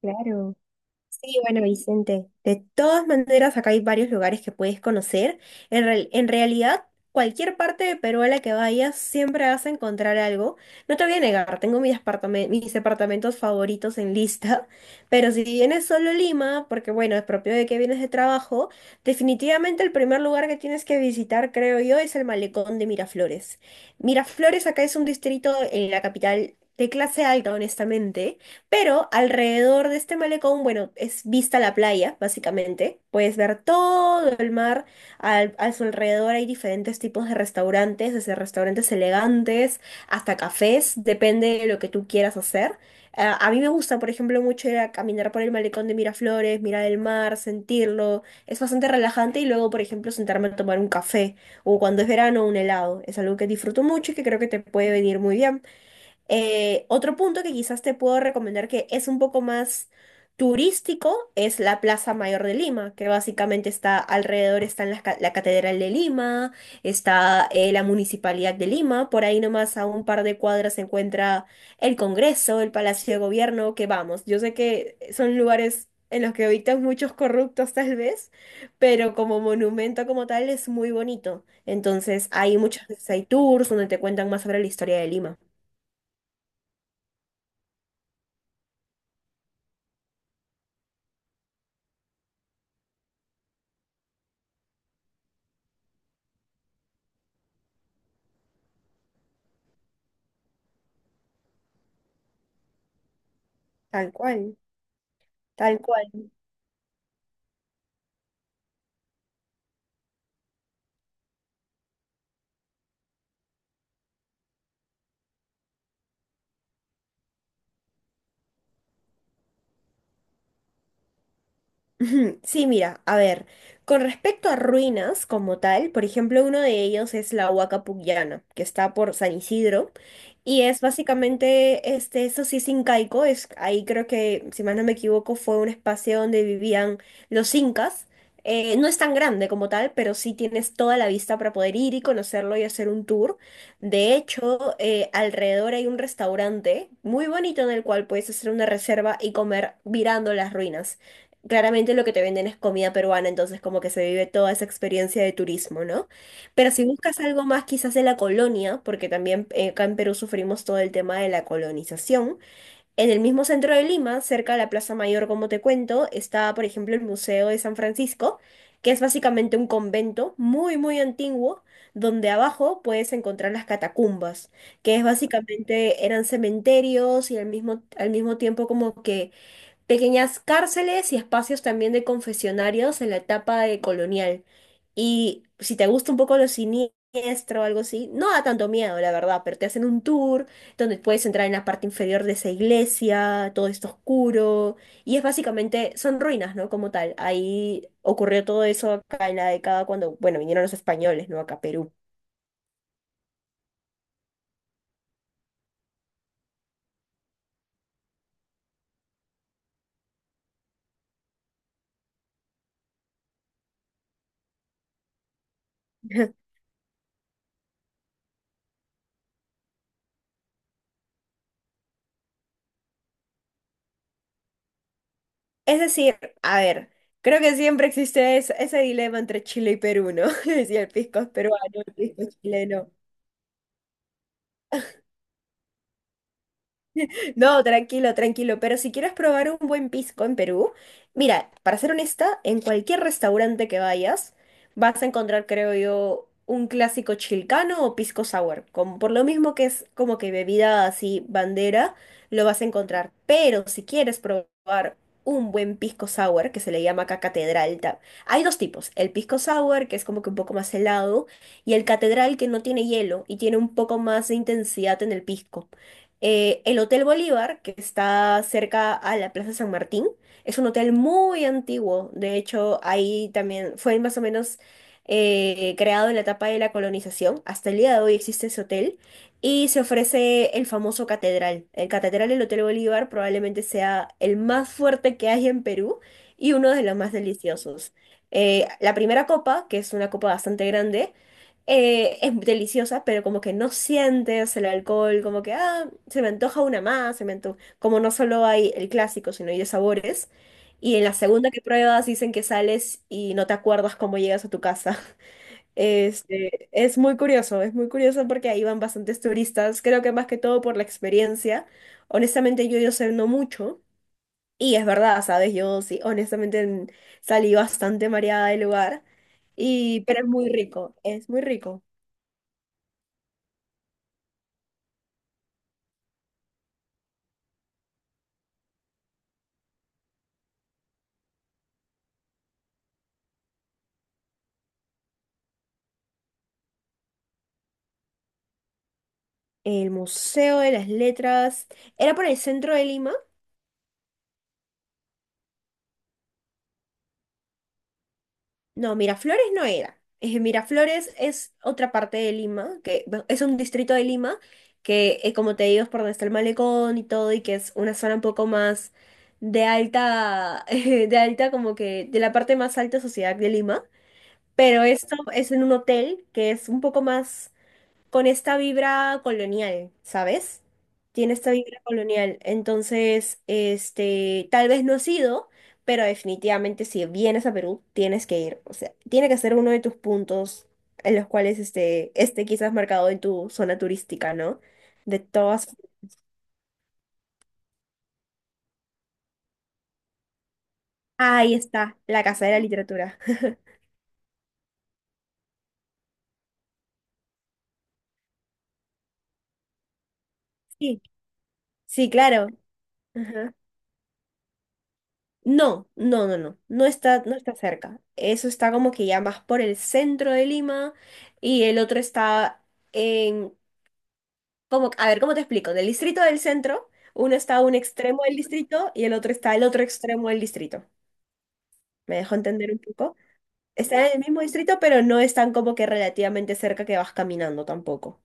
Claro. Sí, bueno, Vicente, de todas maneras acá hay varios lugares que puedes conocer. En realidad, cualquier parte de Perú a la que vayas siempre vas a encontrar algo. No te voy a negar, tengo mis departamentos favoritos en lista, pero si vienes solo a Lima, porque bueno, es propio de que vienes de trabajo, definitivamente el primer lugar que tienes que visitar, creo yo, es el malecón de Miraflores. Miraflores acá es un distrito en la capital de clase alta, honestamente, pero alrededor de este malecón, bueno, es vista la playa, básicamente. Puedes ver todo el mar. A su alrededor hay diferentes tipos de restaurantes, desde restaurantes elegantes hasta cafés, depende de lo que tú quieras hacer. Ah, a mí me gusta, por ejemplo, mucho ir a caminar por el malecón de Miraflores, mirar el mar, sentirlo. Es bastante relajante y luego, por ejemplo, sentarme a tomar un café o cuando es verano, un helado. Es algo que disfruto mucho y que creo que te puede venir muy bien. Otro punto que quizás te puedo recomendar que es un poco más turístico es la Plaza Mayor de Lima, que básicamente está alrededor, están la Catedral de Lima, está la Municipalidad de Lima, por ahí nomás a un par de cuadras se encuentra el Congreso, el Palacio de Gobierno, que vamos, yo sé que son lugares en los que habitan muchos corruptos tal vez, pero como monumento como tal es muy bonito. Entonces hay muchos veces hay tours donde te cuentan más sobre la historia de Lima. Tal cual, tal cual. Ujú. Sí, mira, a ver, con respecto a ruinas como tal, por ejemplo, uno de ellos es la Huaca Pucllana, que está por San Isidro, y es básicamente, este, eso sí es incaico, es, ahí creo que, si mal no me equivoco, fue un espacio donde vivían los incas. No es tan grande como tal, pero sí tienes toda la vista para poder ir y conocerlo y hacer un tour. De hecho, alrededor hay un restaurante muy bonito en el cual puedes hacer una reserva y comer mirando las ruinas. Claramente lo que te venden es comida peruana, entonces como que se vive toda esa experiencia de turismo, ¿no? Pero si buscas algo más quizás de la colonia, porque también acá en Perú sufrimos todo el tema de la colonización, en el mismo centro de Lima, cerca de la Plaza Mayor, como te cuento, está, por ejemplo, el Museo de San Francisco, que es básicamente un convento muy, muy antiguo, donde abajo puedes encontrar las catacumbas, que es básicamente eran cementerios y al mismo tiempo como que pequeñas cárceles y espacios también de confesionarios en la etapa de colonial. Y si te gusta un poco lo siniestro o algo así, no da tanto miedo, la verdad, pero te hacen un tour donde puedes entrar en la parte inferior de esa iglesia, todo está oscuro, y es básicamente, son ruinas, ¿no? Como tal. Ahí ocurrió todo eso acá en la década cuando, bueno, vinieron los españoles, ¿no? Acá a Perú. Es decir, a ver, creo que siempre existe ese dilema entre Chile y Perú, ¿no? Si el pisco es peruano, el pisco es chileno. No, tranquilo, tranquilo. Pero si quieres probar un buen pisco en Perú, mira, para ser honesta, en cualquier restaurante que vayas, vas a encontrar, creo yo, un clásico chilcano o pisco sour. Como, por lo mismo que es como que bebida así bandera, lo vas a encontrar. Pero si quieres probar un buen pisco sour, que se le llama acá catedral, hay dos tipos. El pisco sour, que es como que un poco más helado, y el catedral, que no tiene hielo y tiene un poco más de intensidad en el pisco. El Hotel Bolívar, que está cerca a la Plaza San Martín, es un hotel muy antiguo. De hecho, ahí también fue más o menos creado en la etapa de la colonización. Hasta el día de hoy existe ese hotel y se ofrece el famoso catedral. El catedral del Hotel Bolívar probablemente sea el más fuerte que hay en Perú y uno de los más deliciosos. La primera copa, que es una copa bastante grande, es deliciosa, pero como que no sientes el alcohol, como que, ah, se me antoja una más, se me antoja. Como no solo hay el clásico, sino hay de sabores. Y en la segunda que pruebas dicen que sales y no te acuerdas cómo llegas a tu casa. Este, es muy curioso porque ahí van bastantes turistas, creo que más que todo por la experiencia. Honestamente yo sé no mucho y es verdad, ¿sabes? Yo sí, honestamente salí bastante mareada del lugar y pero es muy rico, es muy rico. El Museo de las Letras. ¿Era por el centro de Lima? No, Miraflores no era. Miraflores es otra parte de Lima, que bueno, es un distrito de Lima, que como te digo es por donde está el malecón y todo, y que es una zona un poco más de alta, de alta como que de la parte más alta sociedad de Lima. Pero esto es en un hotel que es un poco más... con esta vibra colonial, ¿sabes? Tiene esta vibra colonial. Entonces, este, tal vez no has ido, pero definitivamente si vienes a Perú, tienes que ir. O sea, tiene que ser uno de tus puntos en los cuales este, este quizás marcado en tu zona turística, ¿no? De todas. Ahí está, la Casa de la Literatura. Sí, sí, claro. Ajá. No, no, no, no, no está, no está cerca. Eso está como que ya más por el centro de Lima y el otro está en, como, a ver, ¿cómo te explico? Del distrito del centro, uno está a un extremo del distrito y el otro está al otro extremo del distrito. ¿Me dejo entender un poco? Están en el mismo distrito, pero no están como que relativamente cerca que vas caminando tampoco.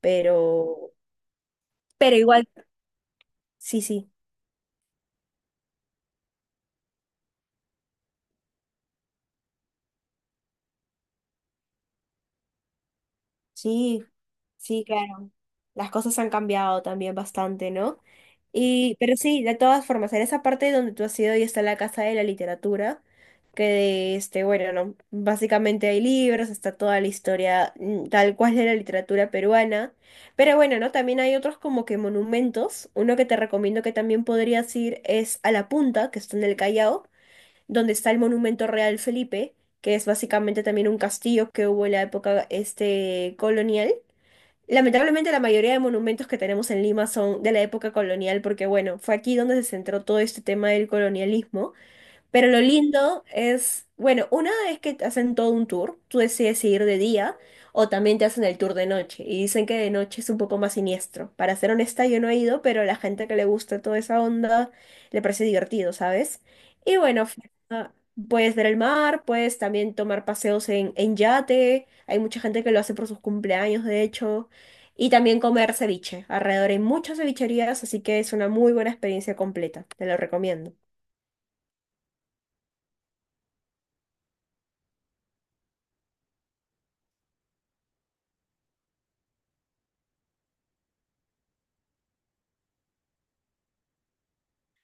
Pero, pero igual, sí, sí, sí, sí, claro. Las cosas han cambiado también bastante, ¿no? Y, pero sí, de todas formas, en esa parte donde tú has ido y está la Casa de la Literatura, que este, bueno, no, básicamente hay libros, está toda la historia mm, tal cual de la literatura peruana, pero bueno, ¿no? También hay otros como que monumentos, uno que te recomiendo que también podrías ir es a La Punta, que está en el Callao, donde está el Monumento Real Felipe, que es básicamente también un castillo que hubo en la época este, colonial. Lamentablemente la mayoría de monumentos que tenemos en Lima son de la época colonial, porque bueno, fue aquí donde se centró todo este tema del colonialismo. Pero lo lindo es, bueno, una es que te hacen todo un tour, tú decides si ir de día o también te hacen el tour de noche y dicen que de noche es un poco más siniestro. Para ser honesta, yo no he ido, pero la gente que le gusta toda esa onda le parece divertido, ¿sabes? Y bueno, ah, puedes ver el mar, puedes también tomar paseos en yate, hay mucha gente que lo hace por sus cumpleaños, de hecho, y también comer ceviche. Alrededor hay muchas cevicherías, así que es una muy buena experiencia completa, te lo recomiendo.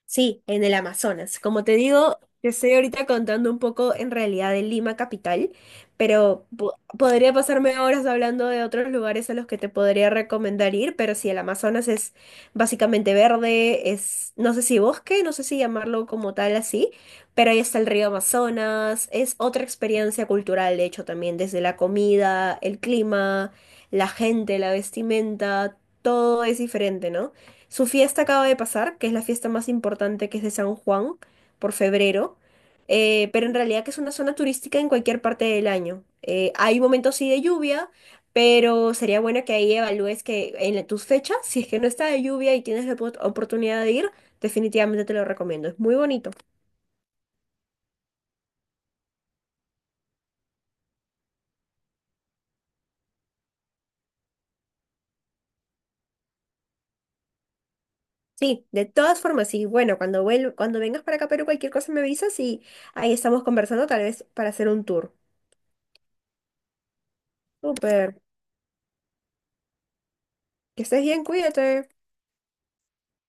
Sí, en el Amazonas. Como te digo, te estoy ahorita contando un poco en realidad de Lima capital, pero podría pasarme horas hablando de otros lugares a los que te podría recomendar ir, pero sí, el Amazonas es básicamente verde, es, no sé si bosque, no sé si llamarlo como tal así, pero ahí está el río Amazonas, es otra experiencia cultural, de hecho, también desde la comida, el clima, la gente, la vestimenta, todo es diferente, ¿no? Su fiesta acaba de pasar, que es la fiesta más importante que es de San Juan, por febrero, pero en realidad que es una zona turística en cualquier parte del año. Hay momentos sí de lluvia, pero sería bueno que ahí evalúes que tus fechas, si es que no está de lluvia y tienes la oportunidad de ir, definitivamente te lo recomiendo. Es muy bonito. Sí, de todas formas, y bueno, cuando cuando vengas para acá a Perú, cualquier cosa me avisas y ahí estamos conversando tal vez para hacer un tour. Súper. Que estés bien, cuídate.